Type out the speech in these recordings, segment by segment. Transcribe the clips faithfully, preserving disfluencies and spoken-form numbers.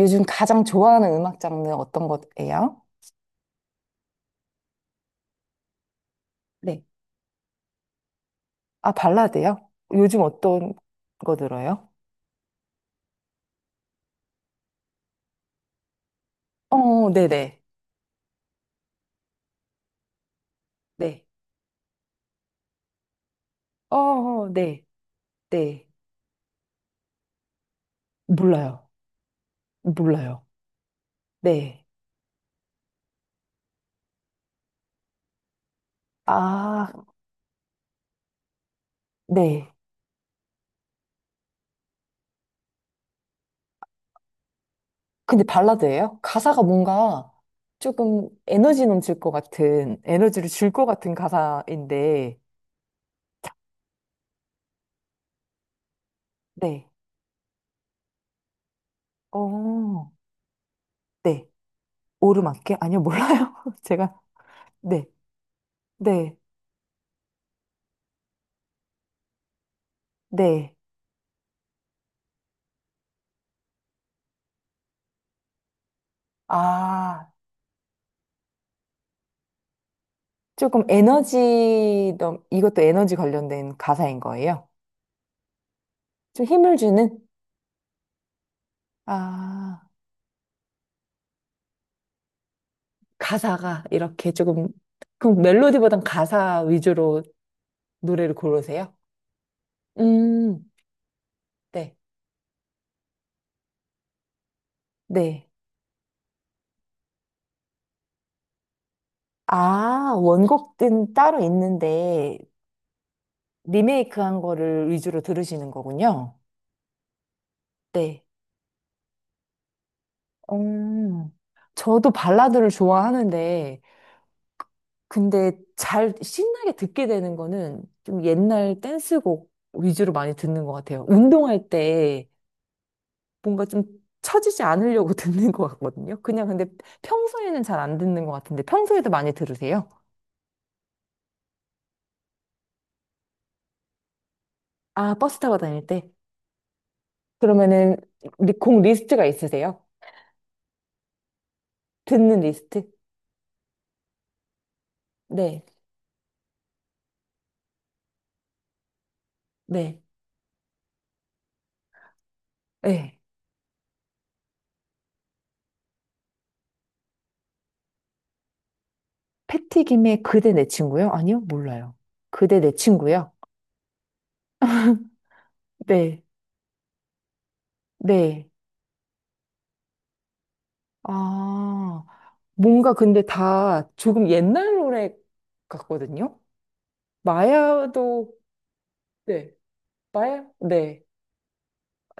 요즘 가장 좋아하는 음악 장르 어떤 거예요? 네, 아, 발라드요? 요즘 어떤 거 들어요? 어, 네네, 네, 어, 네, 네, 몰라요, 몰라요, 네, 아, 네. 근데 발라드예요? 가사가 뭔가 조금 에너지 넘칠 것 같은, 에너지를 줄 것 같은 가사인데, 네. 어, 네. 오르막길? 아니요, 몰라요. 제가, 네, 네, 네. 아. 조금 에너지, 넘- 이것도 에너지 관련된 가사인 거예요. 좀 힘을 주는? 아, 가사가 이렇게 조금, 그럼 멜로디보단 가사 위주로 노래를 고르세요? 음, 네. 네. 아, 원곡은 따로 있는데, 리메이크한 거를 위주로 들으시는 거군요. 네. 음, 저도 발라드를 좋아하는데, 근데 잘 신나게 듣게 되는 거는 좀 옛날 댄스곡 위주로 많이 듣는 것 같아요. 운동할 때 뭔가 좀 처지지 않으려고 듣는 것 같거든요. 그냥 근데 평소에는 잘 안 듣는 것 같은데 평소에도 많이 들으세요? 아, 버스 타고 다닐 때? 그러면은 리- 곡 리스트가 있으세요? 듣는 리스트? 네, 네, 네. 패티김의 그대 내 친구요? 아니요, 몰라요. 그대 내 친구요? 네, 네. 아. 뭔가 근데 다 조금 옛날 노래 같거든요? 마야도, 네, 마야? 네.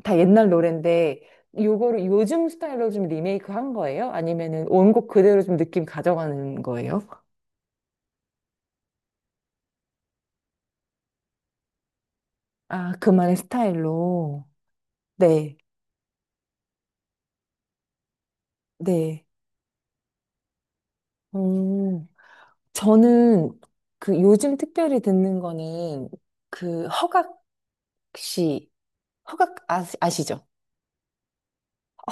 다 옛날 노래인데, 요거를 요즘 스타일로 좀 리메이크 한 거예요? 아니면은 원곡 그대로 좀 느낌 가져가는 거예요? 아, 그만의 스타일로. 네, 네. 음, 저는 그 요즘 특별히 듣는 거는 그 허각 씨, 허각 아, 아시죠?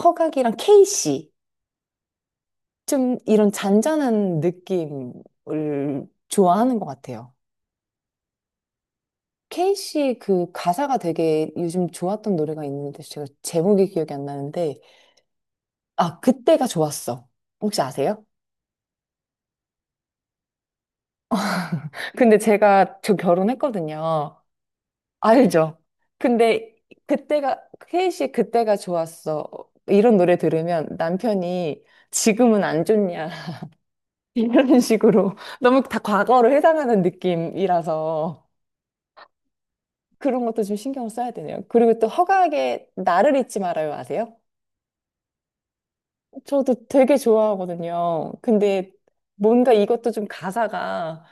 허각이랑 케이 씨. 좀 이런 잔잔한 느낌을 좋아하는 것 같아요. 케이 씨의 그 가사가 되게 요즘 좋았던 노래가 있는데 제가 제목이 기억이 안 나는데 아 그때가 좋았어. 혹시 아세요? 근데 제가 저 결혼했거든요. 알죠? 근데 그때가 케이 씨의 그때가 좋았어. 이런 노래 들으면 남편이 지금은 안 좋냐 이런 식으로 너무 다 과거로 해당하는 느낌이라서 그런 것도 좀 신경을 써야 되네요. 그리고 또 허각의 나를 잊지 말아요 아세요? 저도 되게 좋아하거든요. 근데 뭔가 이것도 좀 가사가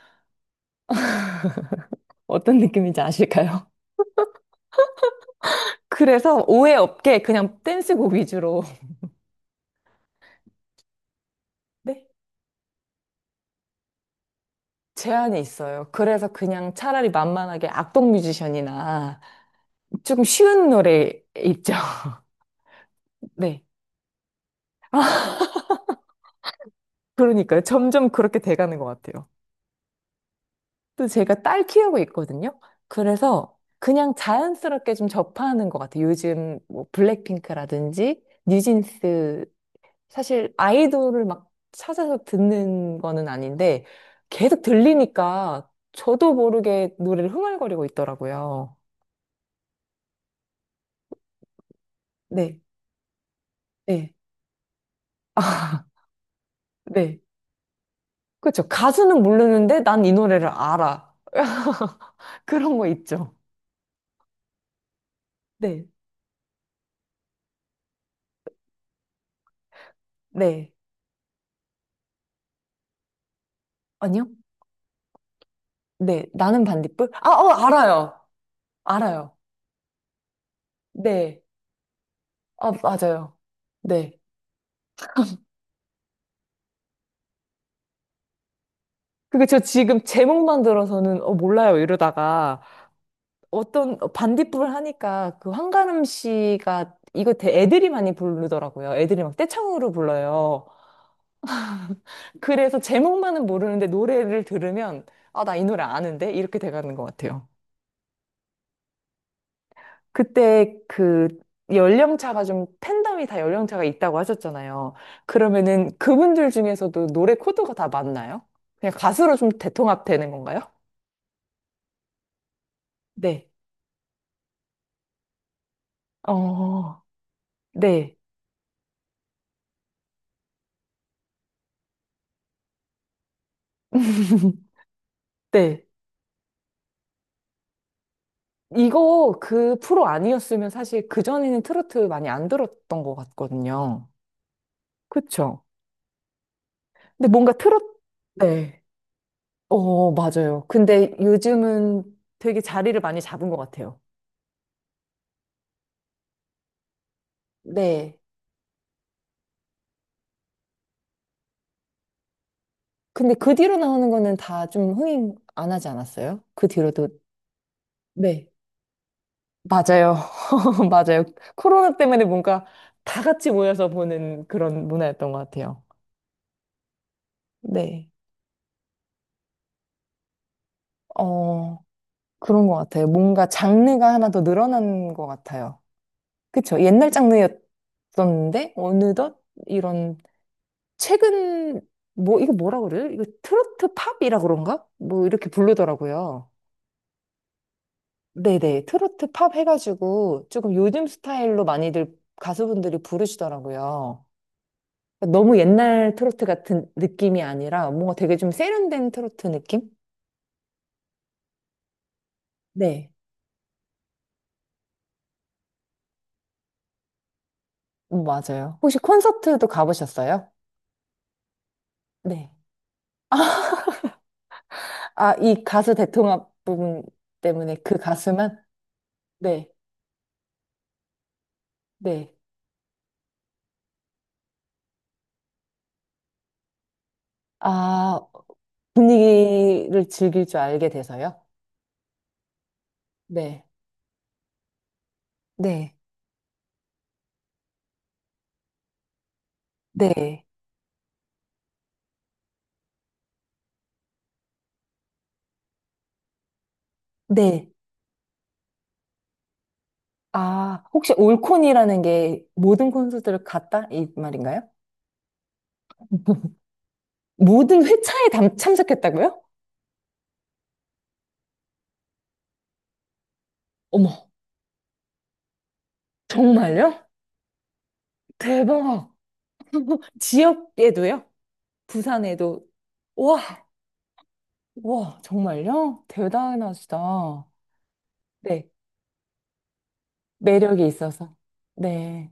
어떤 느낌인지 아실까요? 그래서 오해 없게 그냥 댄스곡 위주로 네? 제한이 있어요. 그래서 그냥 차라리 만만하게 악동 뮤지션이나 조금 쉬운 노래 있죠. 네. 그러니까요. 점점 그렇게 돼가는 것 같아요. 또 제가 딸 키우고 있거든요. 그래서 그냥 자연스럽게 좀 접하는 것 같아요. 요즘 뭐 블랙핑크라든지 뉴진스 사실 아이돌을 막 찾아서 듣는 거는 아닌데 계속 들리니까 저도 모르게 노래를 흥얼거리고 있더라고요. 네, 네. 아, 네. 그렇죠. 가수는 모르는데 난 이 노래를 알아. 그런 거 있죠. 네, 네. 아니요? 네. 나는 반딧불? 아, 어, 알아요. 알아요. 네. 아, 맞아요. 네. 그게 저 지금 제목만 들어서는 어, 몰라요 이러다가 어떤 어, 반딧불 을 하니까 그 한가름 씨가 이거 대- 애들이 많이 부르더라고요. 애들이 막 떼창으로 불러요. 그래서 제목만은 모르는데 노래를 들으면 아, 나 이 노래 아는데? 이렇게 돼가는 것 같아요. 그때 그 연령차가 좀 팬덤이 다 연령차가 있다고 하셨잖아요. 그러면은 그분들 중에서도 노래 코드가 다 맞나요? 그냥 가수로 좀 대통합되는 건가요? 네. 어, 네. 네. 이거 그 프로 아니었으면 사실 그전에는 트로트 많이 안 들었던 것 같거든요. 그쵸? 근데 뭔가 트로트, 네. 어, 맞아요. 근데 요즘은 되게 자리를 많이 잡은 것 같아요. 네. 근데 그 뒤로 나오는 거는 다 좀 흥행 안 하지 않았어요? 그 뒤로도. 네. 맞아요. 맞아요. 코로나 때문에 뭔가 다 같이 모여서 보는 그런 문화였던 것 같아요. 네. 어, 그런 것 같아요. 뭔가 장르가 하나 더 늘어난 것 같아요. 그쵸? 옛날 장르였었는데, 어느덧 이런, 최근, 뭐, 이거 뭐라 그래요? 이거 트로트 팝이라 그런가? 뭐, 이렇게 부르더라고요. 네네. 트로트 팝 해가지고, 조금 요즘 스타일로 많이들 가수분들이 부르시더라고요. 그러니까 너무 옛날 트로트 같은 느낌이 아니라, 뭔가 되게 좀 세련된 트로트 느낌? 네. 음, 맞아요. 혹시 콘서트도 가보셨어요? 네. 아, 이 가수 대통합 부분 때문에 그 가수만? 네, 네. 아, 분위기를 즐길 줄 알게 돼서요? 네, 네, 네, 네. 아, 혹시 올콘이라는 게 모든 콘서트를 갔다? 이 말인가요? 모든 회차에 담- 참석했다고요? 어머, 정말요? 대박. 지역에도요? 부산에도. 와, 와, 정말요? 대단하시다. 네, 매력이 있어서. 네.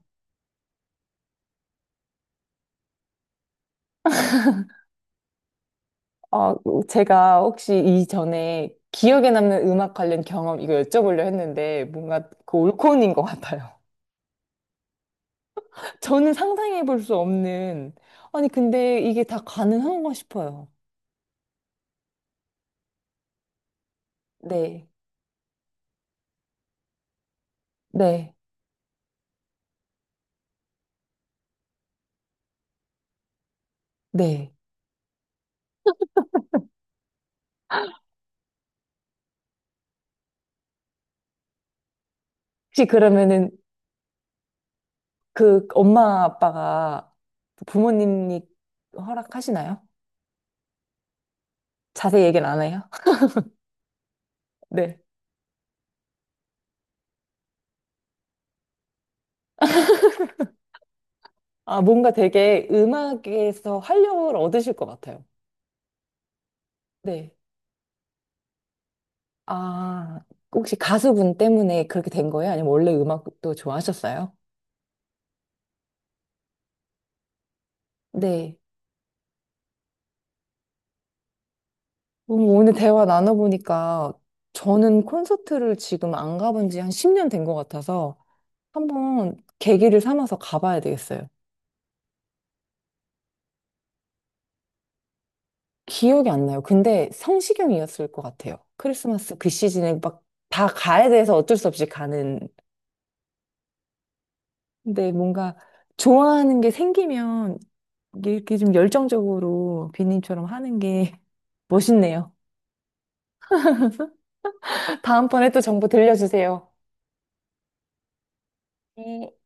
아, 제가 혹시 이전에 기억에 남는 음악 관련 경험 이거 여쭤보려 했는데 뭔가 그 올콘인 것 같아요. 저는 상상해 볼 수 없는, 아니, 근데 이게 다 가능한가 싶어요. 네, 네, 네. 혹시 그러면은 그 엄마 아빠가 부모님이 허락하시나요? 자세히 얘기는 안 해요? 네. 아, 뭔가 되게 음악에서 활력을 얻으실 것 같아요. 네. 아, 혹시 가수분 때문에 그렇게 된 거예요? 아니면 원래 음악도 좋아하셨어요? 네. 음, 오늘 대화 나눠보니까 저는 콘서트를 지금 안 가본 지 한 십 년 된 것 같아서 한번 계기를 삼아서 가봐야 되겠어요. 기억이 안 나요. 근데 성시경이었을 것 같아요. 크리스마스 그 시즌에 막 다 가야 돼서 어쩔 수 없이 가는. 근데 뭔가 좋아하는 게 생기면 이렇게 좀 열정적으로 비님처럼 하는 게 멋있네요. 다음번에 또 정보 들려주세요. 네.